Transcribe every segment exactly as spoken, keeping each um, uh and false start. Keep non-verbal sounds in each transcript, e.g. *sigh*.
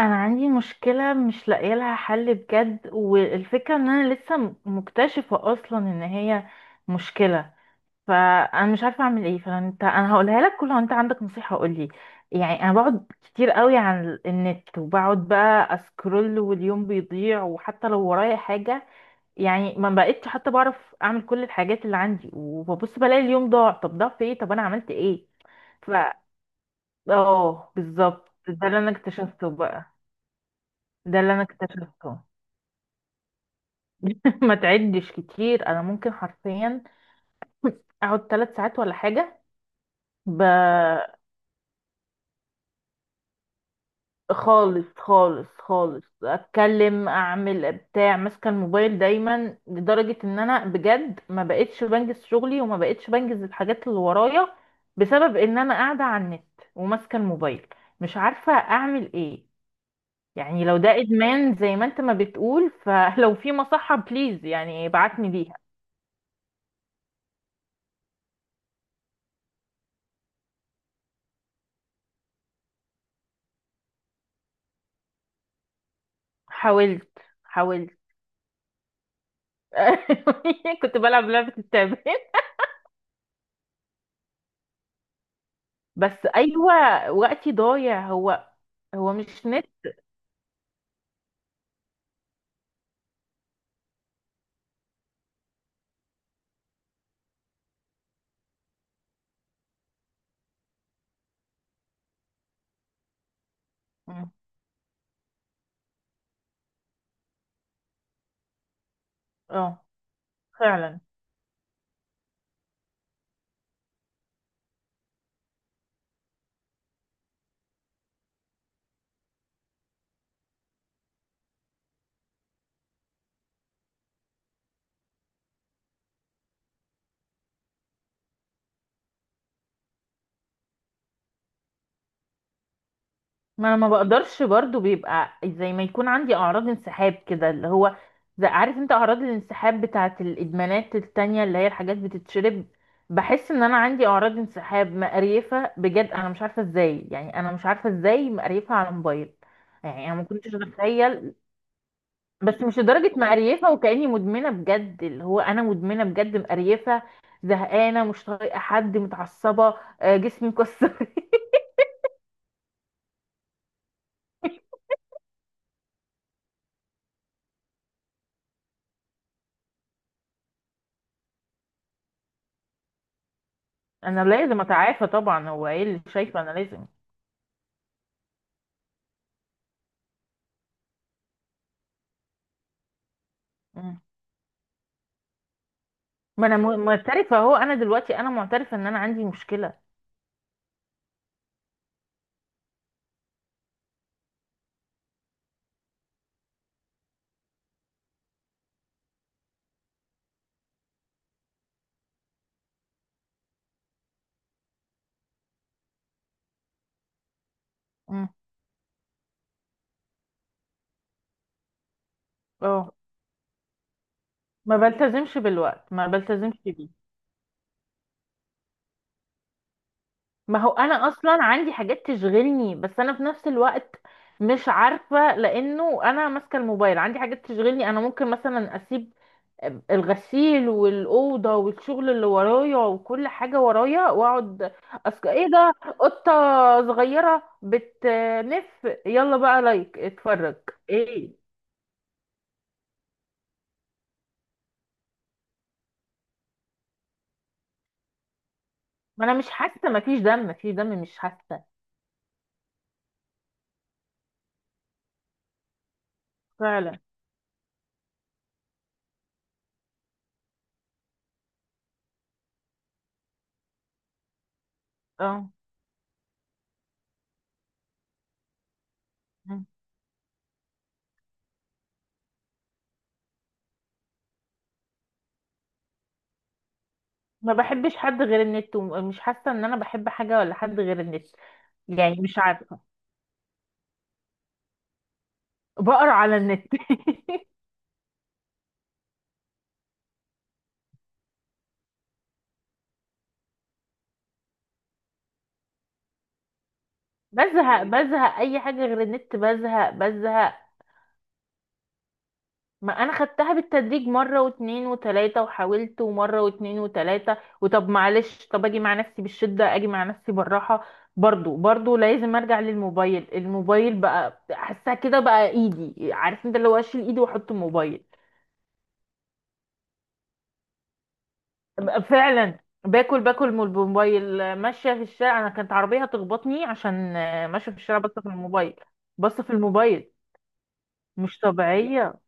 انا عندي مشكله مش لاقيه لها حل بجد، والفكره ان انا لسه م- مكتشفه اصلا ان هي مشكله. فانا مش عارفه اعمل ايه، فانت انا هقولها لك كلها وانت عندك نصيحه قولي. يعني انا بقعد كتير قوي على النت، وبقعد بقى اسكرول واليوم بيضيع، وحتى لو ورايا حاجه يعني ما بقتش حتى بعرف اعمل كل الحاجات اللي عندي، وببص بلاقي اليوم ضاع. طب ضاع في ايه؟ طب انا عملت ايه؟ ف اه، بالظبط ده اللي انا اكتشفته بقى. ده اللي انا اكتشفته. *laughs* ما تعدش كتير، انا ممكن حرفيا اقعد ثلاث ساعات ولا حاجه. ب... خالص خالص خالص، اتكلم، اعمل، بتاع، ماسكه الموبايل دايما، لدرجه ان انا بجد ما بقتش بنجز شغلي، وما بقتش بنجز الحاجات اللي ورايا، بسبب ان انا قاعده على النت وماسكه الموبايل. مش عارفه اعمل ايه. يعني لو ده ادمان زي ما انت ما بتقول، فلو في مصحه، بليز يعني ابعتني ليها. حاولت، حاولت. *laughs* كنت بلعب لعبة التعبان. بس أيوة، وقتي ضايع هو، هو مش نت. مم. اه، فعلا. ما أنا ما بقدرش برضو، بيبقى زي ما يكون عندي أعراض انسحاب كده، اللي هو زي، عارف انت أعراض الانسحاب بتاعة الإدمانات التانية، اللي هي الحاجات بتتشرب. بحس ان انا عندي اعراض انسحاب مقريفه بجد، انا مش عارفه ازاي، يعني انا مش عارفه ازاي مقريفه على موبايل. يعني انا ما كنتش اتخيل. بس مش لدرجة مقريفة، وكأني مدمنة بجد، اللي هو أنا مدمنة بجد مقريفة. زهقانة، مش طايقة حد، متعصبة، آه، جسمي مكسر. *laughs* أنا لازم أتعافى طبعا. هو إيه اللي شايفة أنا لازم؟ مم. ما أنا م- معترفة أهو. أنا دلوقتي أنا معترفة إن أنا عندي مشكلة. مم. أه. ما بلتزمش بالوقت، ما بلتزمش بيه. ما هو أنا أصلا عندي حاجات تشغلني، بس أنا في نفس الوقت مش عارفة، لأنه أنا ماسكة الموبايل. عندي حاجات تشغلني، أنا ممكن مثلا أسيب الغسيل والأوضة والشغل اللي ورايا وكل حاجة ورايا وأقعد. أصل إيه ده؟ قطة صغيرة بتنف، يلا بقى لايك اتفرج. إيه؟ ما أنا مش حاسة، مفيش دم، مفيش دم، مش حاسة. فعلا. اه، ما بحبش حد غير النت، ومش حاسة إن أنا بحب حاجة ولا حد غير النت. يعني مش عارفة، بقرا على النت. *laughs* بزهق بزهق، أي حاجة غير النت بزهق بزهق. ما انا خدتها بالتدريج مره واتنين وتلاته، وحاولت ومره واتنين وتلاته، وطب معلش، طب اجي مع نفسي بالشده، اجي مع نفسي بالراحه، برضو برضو لازم ارجع للموبايل. الموبايل بقى حاسها كده بقى ايدي، عارف انت اللي هو اشيل ايدي واحط موبايل بقى فعلا. باكل باكل من الموبايل، ماشيه في الشارع، انا كانت عربيه هتخبطني عشان آه، ماشيه في الشارع بس في الموبايل، بس في الموبايل. مش طبيعيه.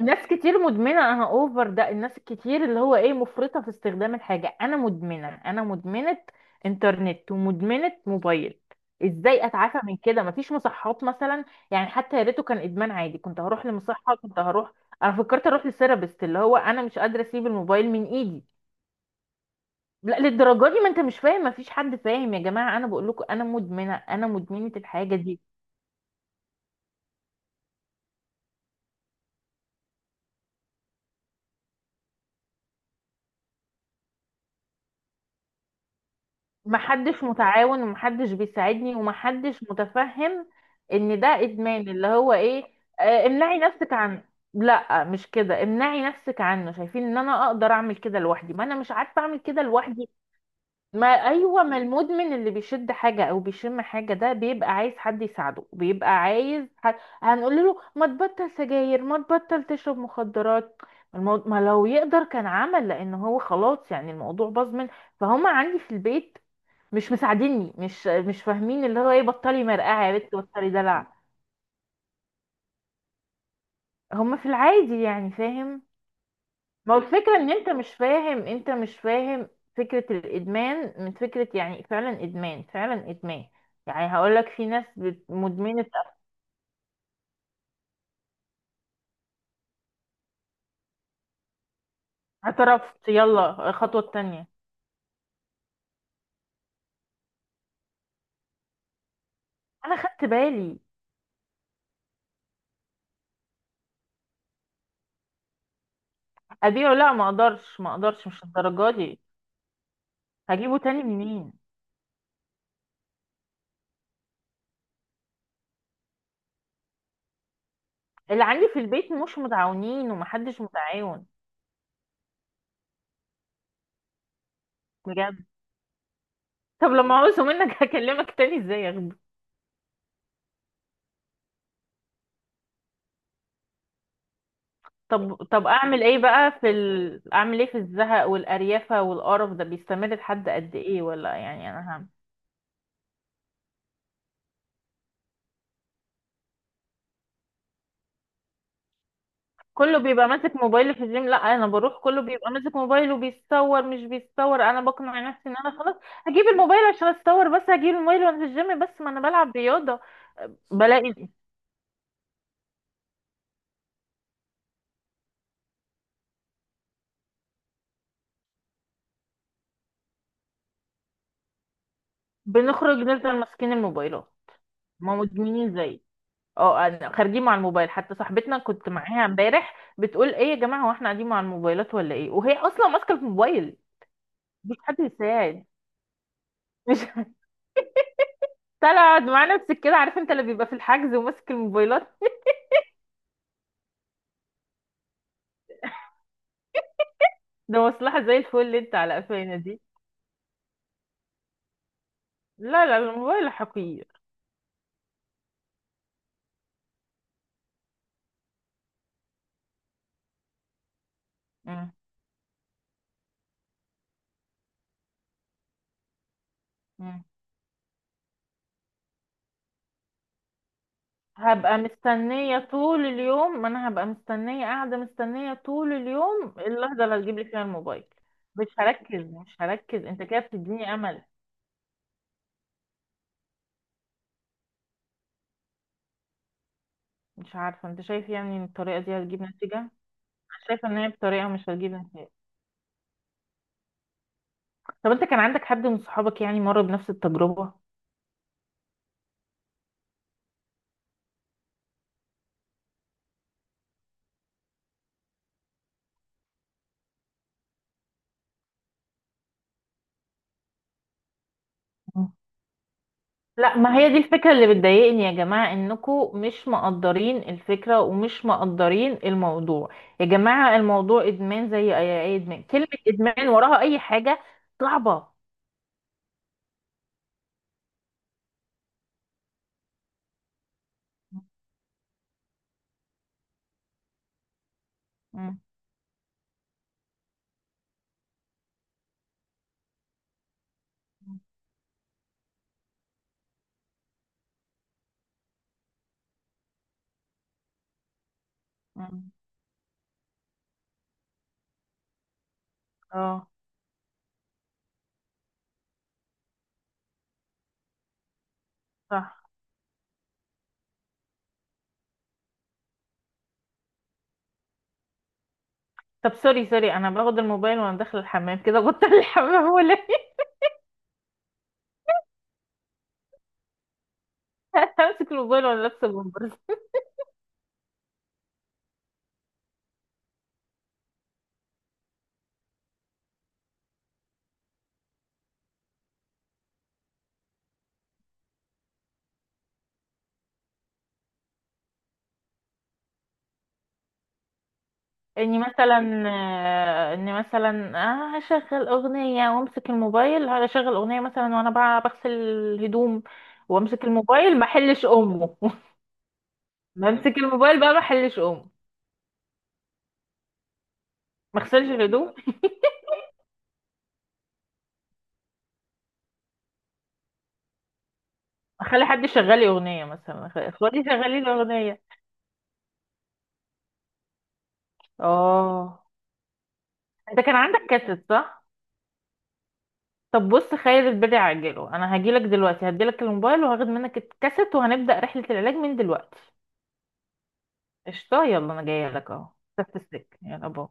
ناس كتير مدمنة، انا اوفر ده، الناس الكتير اللي هو ايه، مفرطة في استخدام الحاجة، انا مدمنة، انا مدمنة انترنت ومدمنة موبايل. ازاي اتعافى من كده؟ مفيش مصحات مثلا؟ يعني حتى يا ريته كان ادمان عادي، كنت هروح لمصحة، كنت هروح. انا فكرت اروح لثيرابيست، اللي هو انا مش قادرة اسيب الموبايل من ايدي. لا للدرجة دي، ما انت مش فاهم، مفيش حد فاهم، يا جماعة انا بقول لكم انا مدمنة، انا مدمنة الحاجة دي. محدش متعاون، ومحدش بيساعدني، ومحدش متفهم ان ده ادمان اللي هو ايه. آه، امنعي نفسك عنه. لا مش كده امنعي نفسك عنه، شايفين ان انا اقدر اعمل كده لوحدي، ما انا مش عارفه اعمل كده لوحدي. ما ايوه، ما المدمن اللي بيشد حاجه او بيشم حاجه ده بيبقى عايز حد يساعده، بيبقى عايز حد. هنقول له ما تبطل سجاير، ما تبطل تشرب مخدرات؟ المو... ما لو يقدر كان عمل، لان هو خلاص يعني الموضوع باظ منه. فهم عندي في البيت مش مساعديني، مش مش فاهمين اللي هو ايه، بطلي مرقعه يا بنت، بطلي دلع. هما في العادي يعني فاهم. ما هو الفكره ان انت مش فاهم، انت مش فاهم فكره الادمان، من فكره يعني فعلا ادمان، فعلا ادمان. يعني هقول لك في ناس بت- مدمنه. اعترفت، يلا الخطوه التانية. انا خدت بالي. ابيعه؟ لا ما اقدرش، ما اقدرش، مش الدرجه دي. هجيبه تاني منين؟ اللي عندي في البيت مش متعاونين، ومحدش متعاون. بجد؟ طب لما عاوزه منك *laughs* هكلمك تاني؟ ازاي اخبار؟ طب طب اعمل ايه بقى في ال... اعمل ايه في الزهق والاريافه والقرف ده؟ بيستمر لحد قد ايه؟ ولا يعني انا هم. كله بيبقى ماسك موبايل في الجيم، لا انا بروح، كله بيبقى ماسك موبايل وبيتصور. مش بيتصور، انا بقنع نفسي ان انا خلاص هجيب الموبايل عشان اتصور. بس هجيب الموبايل وانا في الجيم، بس ما انا بلعب رياضه. بلاقي. بنخرج نفضل ماسكين الموبايلات، ما مدمنين زي. اه، انا خارجين مع الموبايل، حتى صاحبتنا كنت معاها امبارح بتقول ايه يا جماعه هو احنا قاعدين مع الموبايلات ولا ايه، وهي اصلا ماسكه الموبايل. مش حد يساعد، مش *laughs* تقعد مع نفسك كده، عارف انت اللي بيبقى في الحجز وماسك الموبايلات. ده مصلحة زي الفل اللي انت على قفانا دي. لا لا الموبايل حقير. مم. مم. هبقى مستنية طول اليوم، ما انا هبقى مستنية، قاعدة مستنية طول اليوم اللحظة اللي هتجيب لي فيها الموبايل. مش هركز، مش هركز، انت كده بتديني امل. مش عارفة انت شايف يعني ان الطريقة دي هتجيب نتيجة؟ انا شايفة ان هي بطريقة مش هتجيب نتيجة. طب انت كان عندك حد من صحابك يعني مر بنفس التجربة؟ لا ما هي دي الفكرة اللي بتضايقني، يا جماعة انكم مش مقدرين الفكرة، ومش مقدرين الموضوع. يا جماعة الموضوع ادمان زي اي أي ادمان، كلمة ادمان وراها اي حاجة صعبة. مم. مم. اه صح. طب سوري سوري، انا باخد الموبايل وانا داخلة الحمام كده، بطل الحمام ولا إيه؟ *laughs* امسك الموبايل وانا لابسة. اني مثلا، آه، اني مثلا، آه، هشغل اغنيه وامسك الموبايل، هشغل اغنيه مثلا وانا بقى بغسل الهدوم، وامسك الموباil ما احلش امه. *laughs* بمسك الموبايل بقى ما احلش امه. ما اغسلش الهدوم. اخلي حد يشغل لي اغنيه، مثلا أخ- اخواتي شغالين لي اغنيه. اه انت كان عندك كاسيت صح. طب بص، خير البدع عاجله، انا هجيلك دلوقتي، هديلك الموبايل وهاخد منك الكاسيت، وهنبدا رحله العلاج من دلوقتي. قشطه، يلا انا جايه لك اهو. سبت السك، يلا باي.